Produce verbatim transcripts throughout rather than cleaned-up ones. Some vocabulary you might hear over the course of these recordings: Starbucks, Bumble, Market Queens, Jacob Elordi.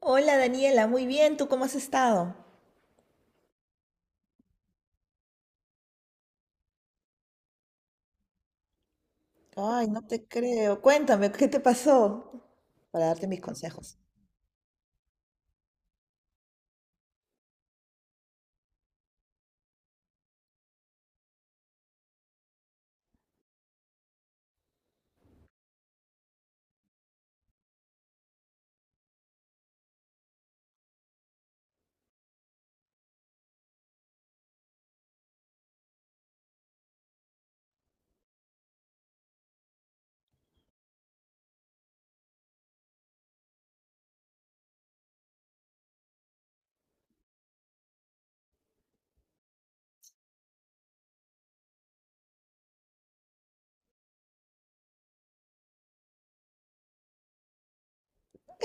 Hola Daniela, muy bien, ¿tú cómo has estado? Ay, no te creo. Cuéntame, ¿qué te pasó? Para darte mis consejos.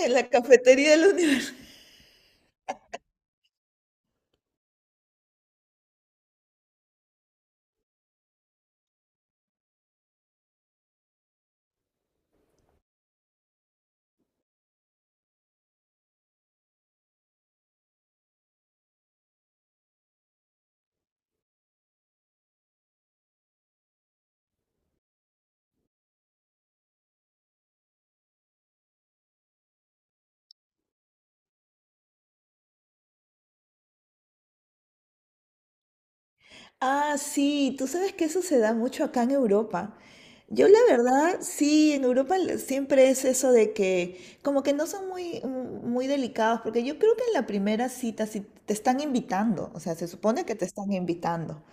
En la cafetería de la universidad. Ah, sí, tú sabes que eso se da mucho acá en Europa. Yo la verdad, sí, en Europa le- siempre es eso de que como que no son muy, mm, muy delicados, porque yo creo que en la primera cita, si te están invitando, o sea, se supone que te están invitando.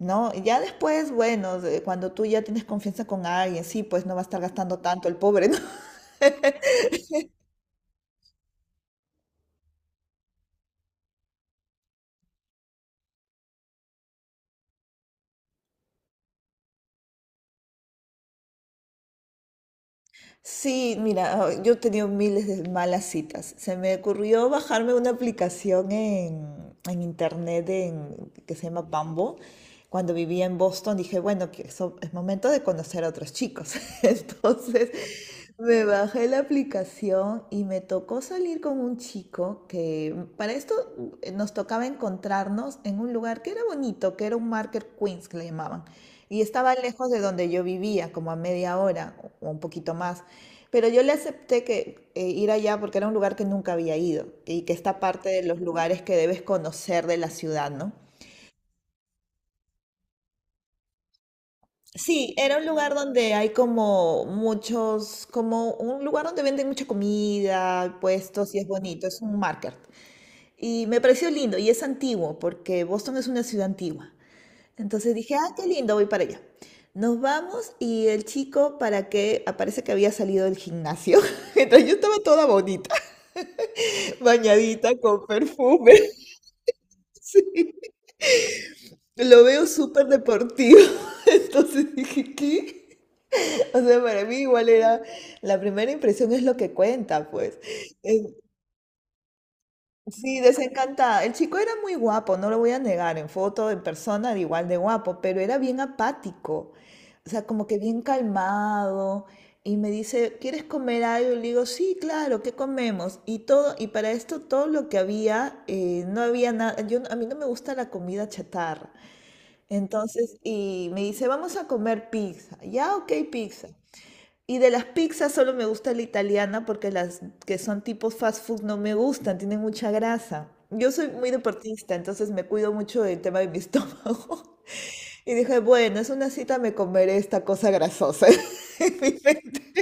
¿No? Y ya después, bueno, de- cuando tú ya tienes confianza con alguien, sí, pues no va a estar gastando tanto el pobre, ¿no? Sí, mira, yo he tenido miles de malas citas. Se me ocurrió bajarme una aplicación en, en internet en- que se llama Bumble cuando vivía en Boston. Dije, bueno, que eso es momento de conocer a otros chicos. Entonces me bajé la aplicación y me tocó salir con un chico que para esto eh, nos tocaba encontrarnos en un lugar que era bonito, que era un Market Queens que le llamaban. Y estaba lejos de donde yo vivía, como a media hora o un poquito más. Pero yo le acepté que eh, ir allá porque era un lugar que nunca había ido y que está parte de los lugares que debes conocer de la ciudad, ¿no? Sí, era un lugar donde hay como muchos, como un lugar donde venden mucha comida, puestos y es bonito, es un market. Y me pareció lindo y es antiguo porque Boston es una ciudad antigua. Entonces dije, ah, qué lindo, voy para allá. Nos vamos y el chico para que aparece que había salido del gimnasio. Entonces yo estaba toda bonita, bañadita con perfume. Lo veo súper deportivo. Entonces dije, ¿qué? O sea, para mí igual era, la primera impresión es lo que cuenta, pues. Eh, sí, desencantada. El chico era muy guapo, no lo voy a negar, en foto, en persona, era igual de guapo, pero era bien apático, o sea, como que bien calmado. Y me dice, ¿quieres comer algo? Y le digo, sí, claro, ¿qué comemos? Y todo, y para esto todo lo que había, eh, no había nada, yo, a mí no me gusta la comida chatarra. Entonces, y me dice, vamos a comer pizza. Ya, ok, pizza. Y de las pizzas solo me gusta la italiana porque las que son tipo fast food no me gustan, tienen mucha grasa. Yo soy muy deportista, entonces me cuido mucho del tema de mi estómago. Y dije, bueno, es una cita, me comeré esta cosa grasosa. en mi mente.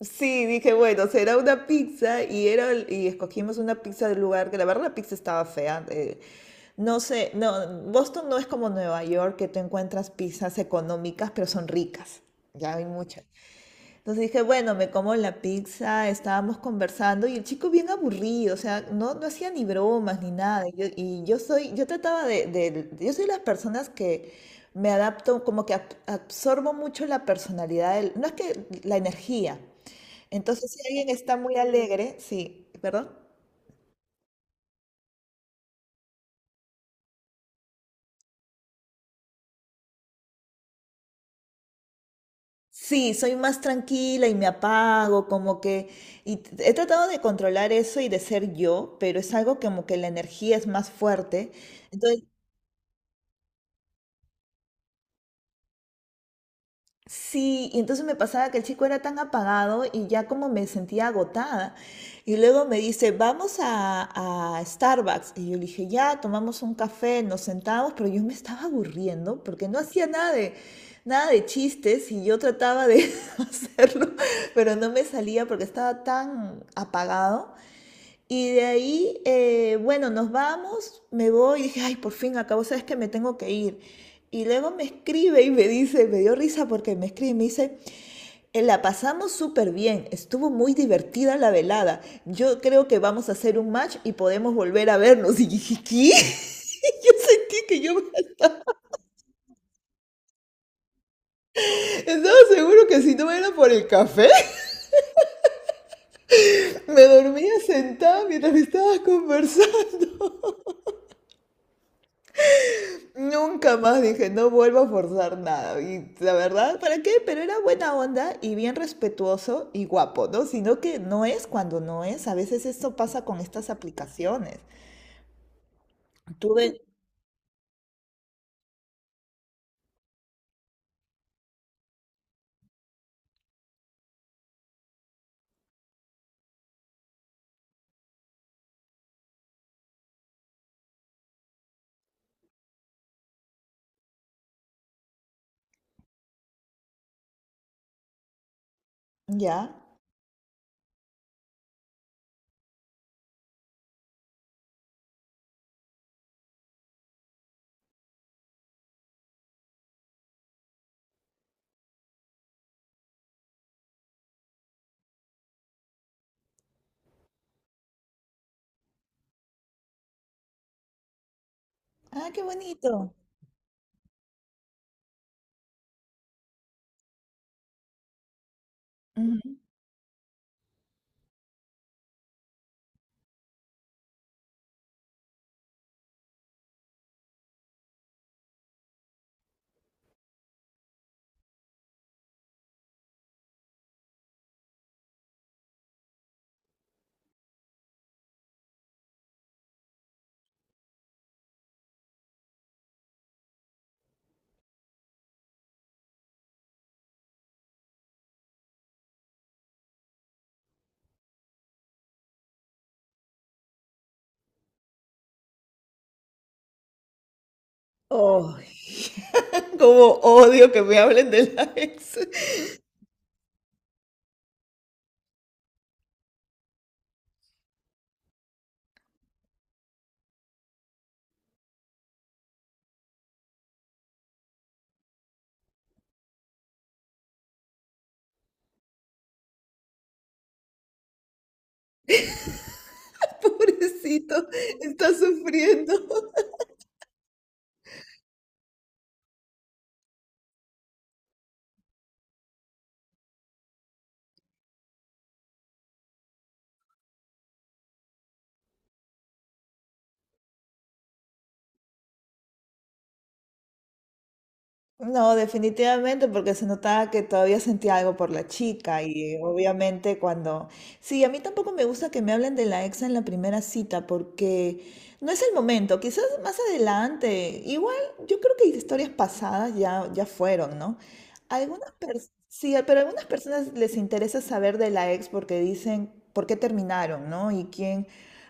Sí, dije, bueno, será una pizza y, era, el- y escogimos una pizza del lugar, que la verdad la pizza estaba fea. Eh, no sé, no, Boston no es como Nueva York, que tú encuentras pizzas económicas, pero son ricas. Ya hay muchas. Entonces dije, bueno, me como la pizza, estábamos conversando y el chico bien aburrido, o sea, no, no hacía ni bromas ni nada. Y yo, y yo soy, yo trataba de, de- yo soy de las personas que me adapto, como que ab- absorbo mucho la personalidad, del- no es que la energía. Entonces, si alguien está muy alegre, sí, ¿perdón? Sí, soy más tranquila y me apago, como que, y t- he tratado de controlar eso y de ser yo, pero es algo como que la energía es más fuerte. Entonces sí, y entonces me pasaba que el chico era tan apagado y ya como me sentía agotada. Y luego me dice, vamos a, a Starbucks. Y yo le dije, ya, tomamos un café, nos sentamos, pero yo me estaba aburriendo porque no hacía nada de, nada de chistes y yo trataba de hacerlo, pero no me salía porque estaba tan apagado. Y de ahí, eh, bueno, nos vamos, me voy y dije, ay, por fin acabo, sabes que me tengo que ir. Y luego me escribe y me dice, me dio risa porque me escribe y me dice, "Eh, la pasamos súper bien, estuvo muy divertida la velada, yo creo que vamos a hacer un match y podemos volver a vernos." Y dije, ¿qué? Yo sentí que yo estaba seguro que si no era por el café, me dormía sentada mientras me estabas conversando. Nunca más dije, no vuelvo a forzar nada. Y la verdad, ¿para qué? Pero era buena onda y bien respetuoso y guapo, ¿no? Sino que no es cuando no es. A veces esto pasa con estas aplicaciones. Tuve, ya. Ah, qué bonito. Ujú. Oh, como odio que me hablen de la ex. Pobrecito, está sufriendo. No, definitivamente, porque se notaba que todavía sentía algo por la chica y eh, obviamente cuando... Sí, a mí tampoco me gusta que me hablen de la ex en la primera cita porque no es el momento, quizás más adelante. Igual yo creo que historias pasadas ya, ya fueron, ¿no? Algunas personas, sí, pero a algunas personas les interesa saber de la ex porque dicen por qué terminaron, ¿no? Y quién,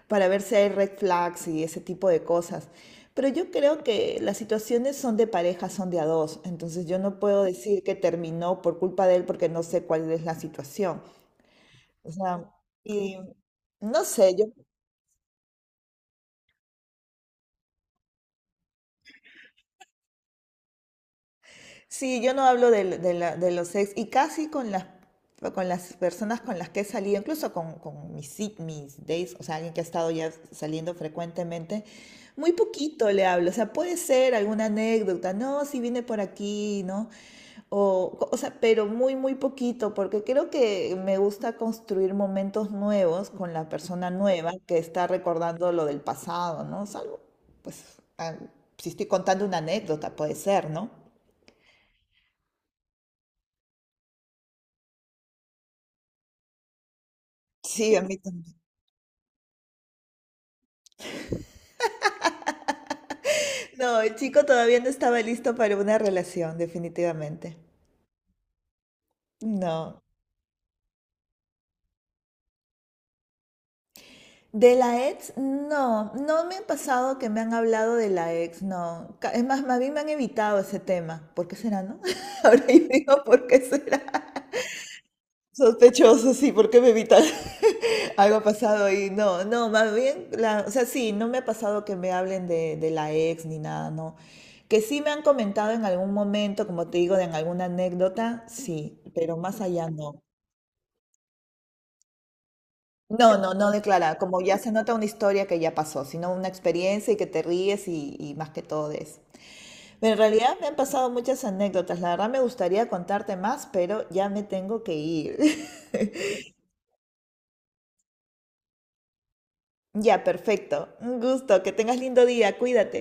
para ver si hay red flags y ese tipo de cosas. Pero yo creo que las situaciones son de pareja, son de a dos, entonces yo no puedo decir que terminó por culpa de él porque no sé cuál es la situación. O sea, y no sé, yo sí, yo no hablo del- de, la- de los ex y casi con las, con las personas con las que he salido, incluso con, con mis, ci- mis dates, o sea, alguien que ha estado ya saliendo frecuentemente, muy poquito le hablo, o sea, puede ser alguna anécdota, no, si viene por aquí, ¿no? O, co- o sea, pero muy, muy poquito, porque creo que me gusta construir momentos nuevos con la persona nueva que está recordando lo del pasado, ¿no? Salvo, pues, ah, si estoy contando una anécdota, puede ser, ¿no? Sí, a mí también. No, el chico todavía no estaba listo para una relación, definitivamente. No. De la ex, no, no me han pasado que me han hablado de la ex, no. Ca- Es más, más bien me han evitado ese tema. ¿Por qué será, no? Ahora yo digo, ¿por qué será? Sospechoso, sí, porque me evitan algo ha pasado y no, no, más bien, la, o sea, sí, no me ha pasado que me hablen de, de la ex ni nada, no. Que sí me han comentado en algún momento, como te digo, de en alguna anécdota, sí, pero más allá no. No, no, no declara, como ya se nota una historia que ya pasó, sino una experiencia y que te ríes y, y más que todo de eso. Pero en realidad me han pasado muchas anécdotas, la verdad me gustaría contarte más, pero ya me tengo que ir. Ya, perfecto. Un gusto. Que tengas lindo día. Cuídate.